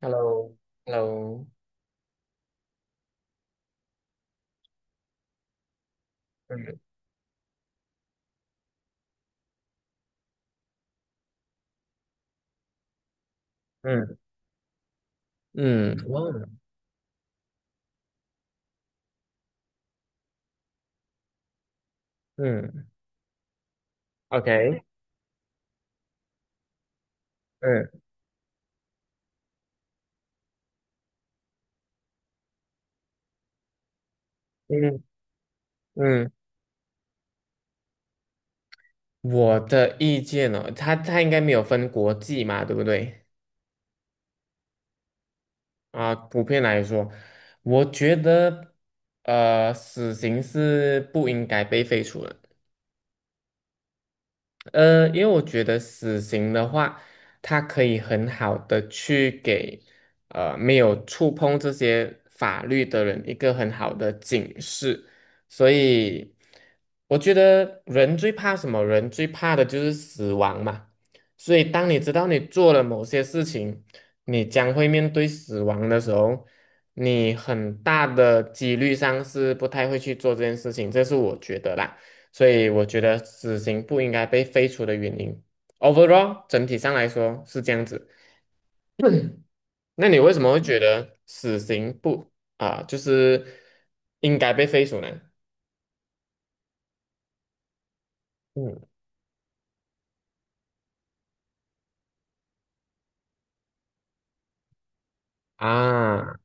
Hello，Hello。嗯嗯嗯。忘了。嗯，OK。嗯嗯嗯。我的意见呢、哦它应该没有分国际嘛，对不对？啊，普遍来说，我觉得死刑是不应该被废除的。因为我觉得死刑的话，它可以很好的去给没有触碰这些法律的人一个很好的警示。所以我觉得人最怕什么？人最怕的就是死亡嘛。所以当你知道你做了某些事情，你将会面对死亡的时候，你很大的几率上是不太会去做这件事情，这是我觉得啦。所以我觉得死刑不应该被废除的原因，overall 整体上来说是这样子。那你为什么会觉得死刑不啊、就是应该被废除呢？嗯啊。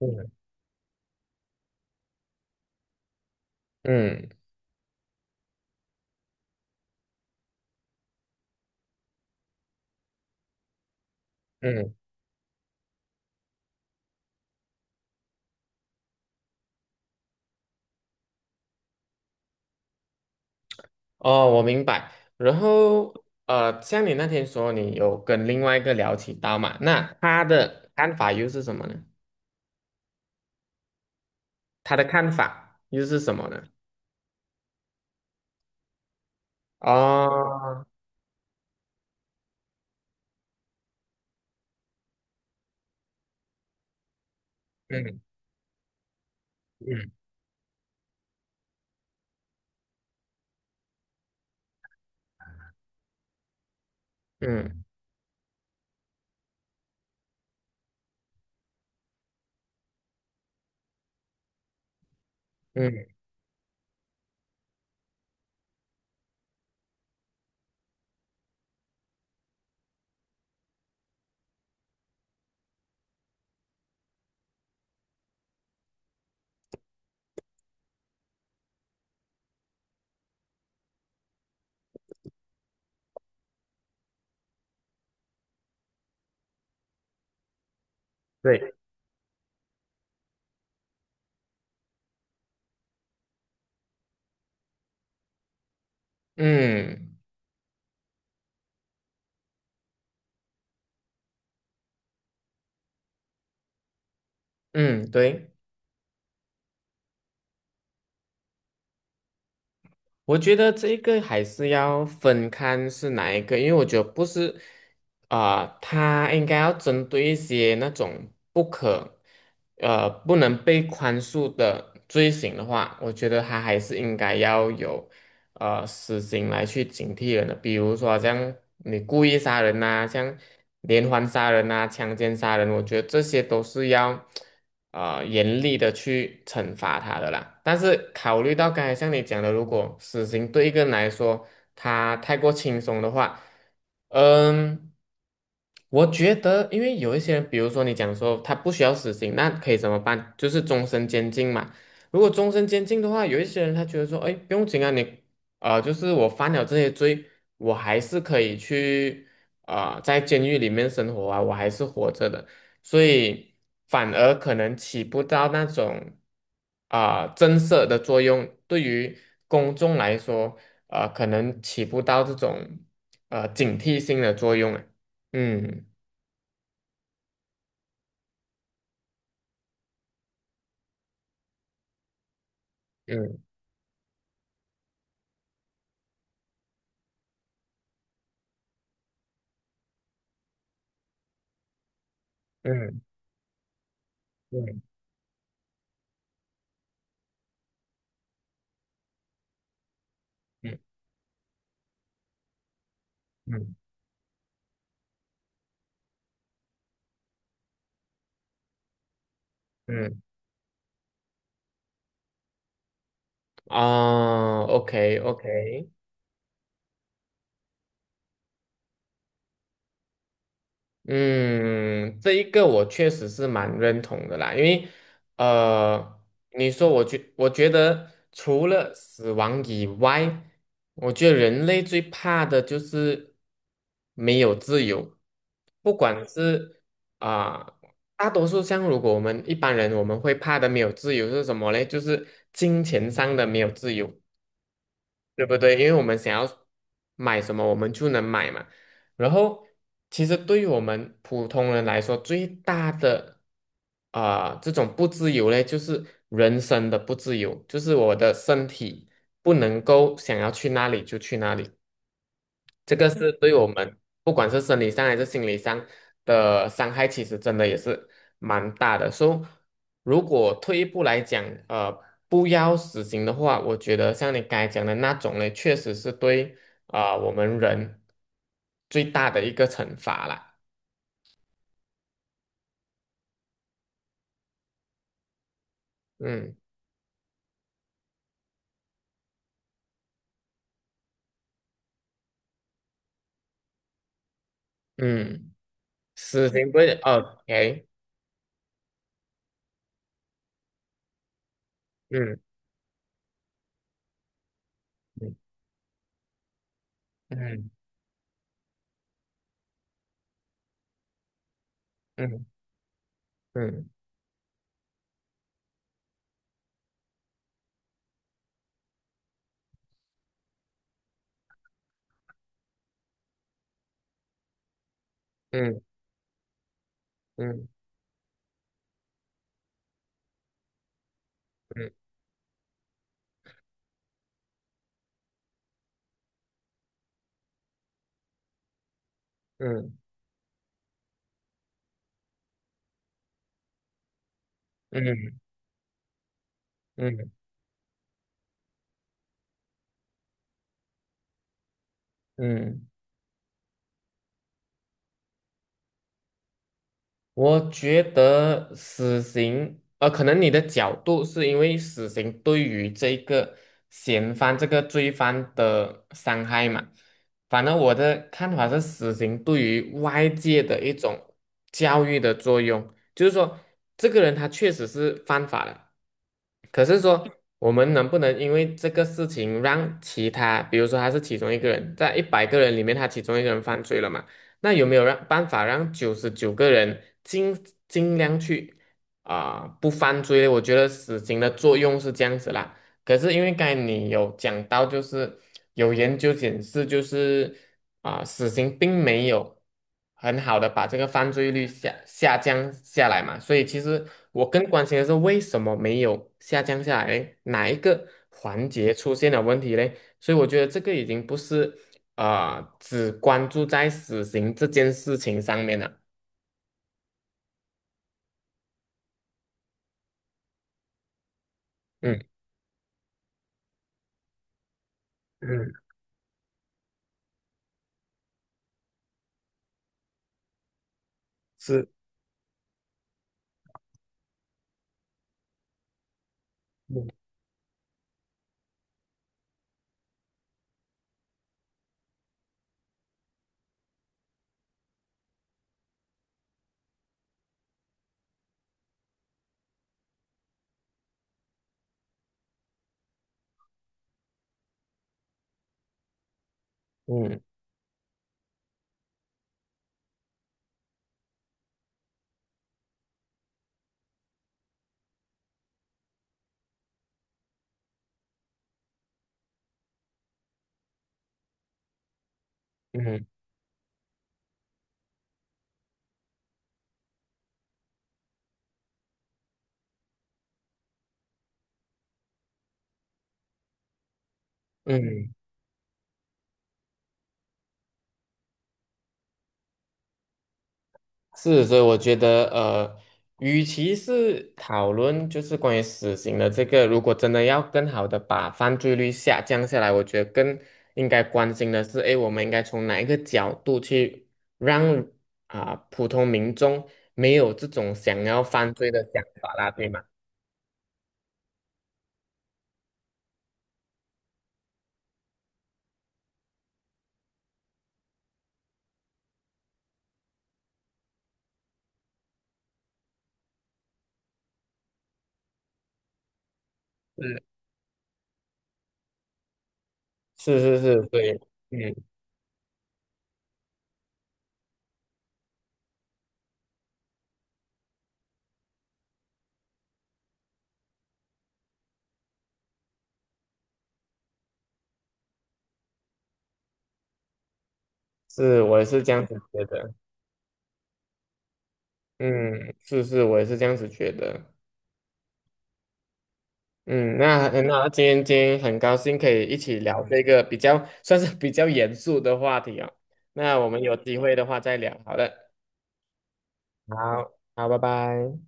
嗯嗯嗯。哦，我明白。然后像你那天说你有跟另外一个聊起刀嘛，那他的看法又是什么呢？他的看法又是什么呢？哦。嗯嗯嗯嗯，对。嗯。嗯，对，我觉得这个还是要分看是哪一个，因为我觉得不是他应该要针对一些那种不能被宽恕的罪行的话，我觉得他还是应该要有死刑来去警惕人的。比如说像你故意杀人呐、像连环杀人呐、强奸杀人，我觉得这些都是要严厉的去惩罚他的啦。但是考虑到刚才像你讲的，如果死刑对一个人来说他太过轻松的话，嗯，我觉得因为有一些人，比如说你讲说他不需要死刑，那可以怎么办？就是终身监禁嘛。如果终身监禁的话，有一些人他觉得说，哎，不用紧啊，就是我犯了这些罪，我还是可以去在监狱里面生活啊，我还是活着的，所以反而可能起不到那种震慑的作用，对于公众来说，可能起不到这种警惕性的作用啊。嗯嗯嗯嗯嗯嗯嗯。啊 OK。嗯，这一个我确实是蛮认同的啦，因为呃，你说我觉得除了死亡以外，我觉得人类最怕的就是没有自由，不管是啊、大多数，像如果我们一般人我们会怕的没有自由是什么嘞？就是金钱上的没有自由。对不对？因为我们想要买什么，我们就能买嘛。然后，其实对于我们普通人来说，最大的这种不自由嘞，就是人生的不自由，就是我的身体不能够想要去哪里就去哪里。这个是对我们不管是生理上还是心理上的伤害，其实真的也是蛮大的。所以，如果退一步来讲，呃，不要死刑的话，我觉得像你刚才讲的那种呢，确实是对我们人最大的一个惩罚啦。嗯嗯。死刑不会，OK。嗯嗯嗯嗯嗯嗯嗯嗯嗯嗯嗯嗯嗯。我觉得死刑，可能你的角度是因为死刑对于这个嫌犯、这个罪犯的伤害嘛。反正我的看法是，死刑对于外界的一种教育的作用，就是说，这个人他确实是犯法了，可是说，我们能不能因为这个事情让其他，比如说他是其中一个人，在100个人里面，他其中一个人犯罪了嘛？那有没有让办法让99个人尽尽量去不犯罪？我觉得死刑的作用是这样子啦。可是因为刚才你有讲到，就是有研究显示，就是死刑并没有很好的把这个犯罪率下降下来嘛，所以其实我更关心的是为什么没有下降下来嘞哪一个环节出现了问题嘞？所以我觉得这个已经不是只关注在死刑这件事情上面了。嗯嗯。是。嗯。嗯嗯嗯。是，所以我觉得，与其是讨论就是关于死刑的这个，如果真的要更好的把犯罪率下降下来，我觉得更应该关心的是，诶，我们应该从哪一个角度去让普通民众没有这种想要犯罪的想法啦，对吗？是是是是，对。嗯，是，我也是这样子觉得。嗯，是是，我也是这样子觉得。嗯，那很好，今天很高兴可以一起聊这个比较 算是比较严肃的话题哦。那我们有机会的话再聊，好的。好，好，拜拜。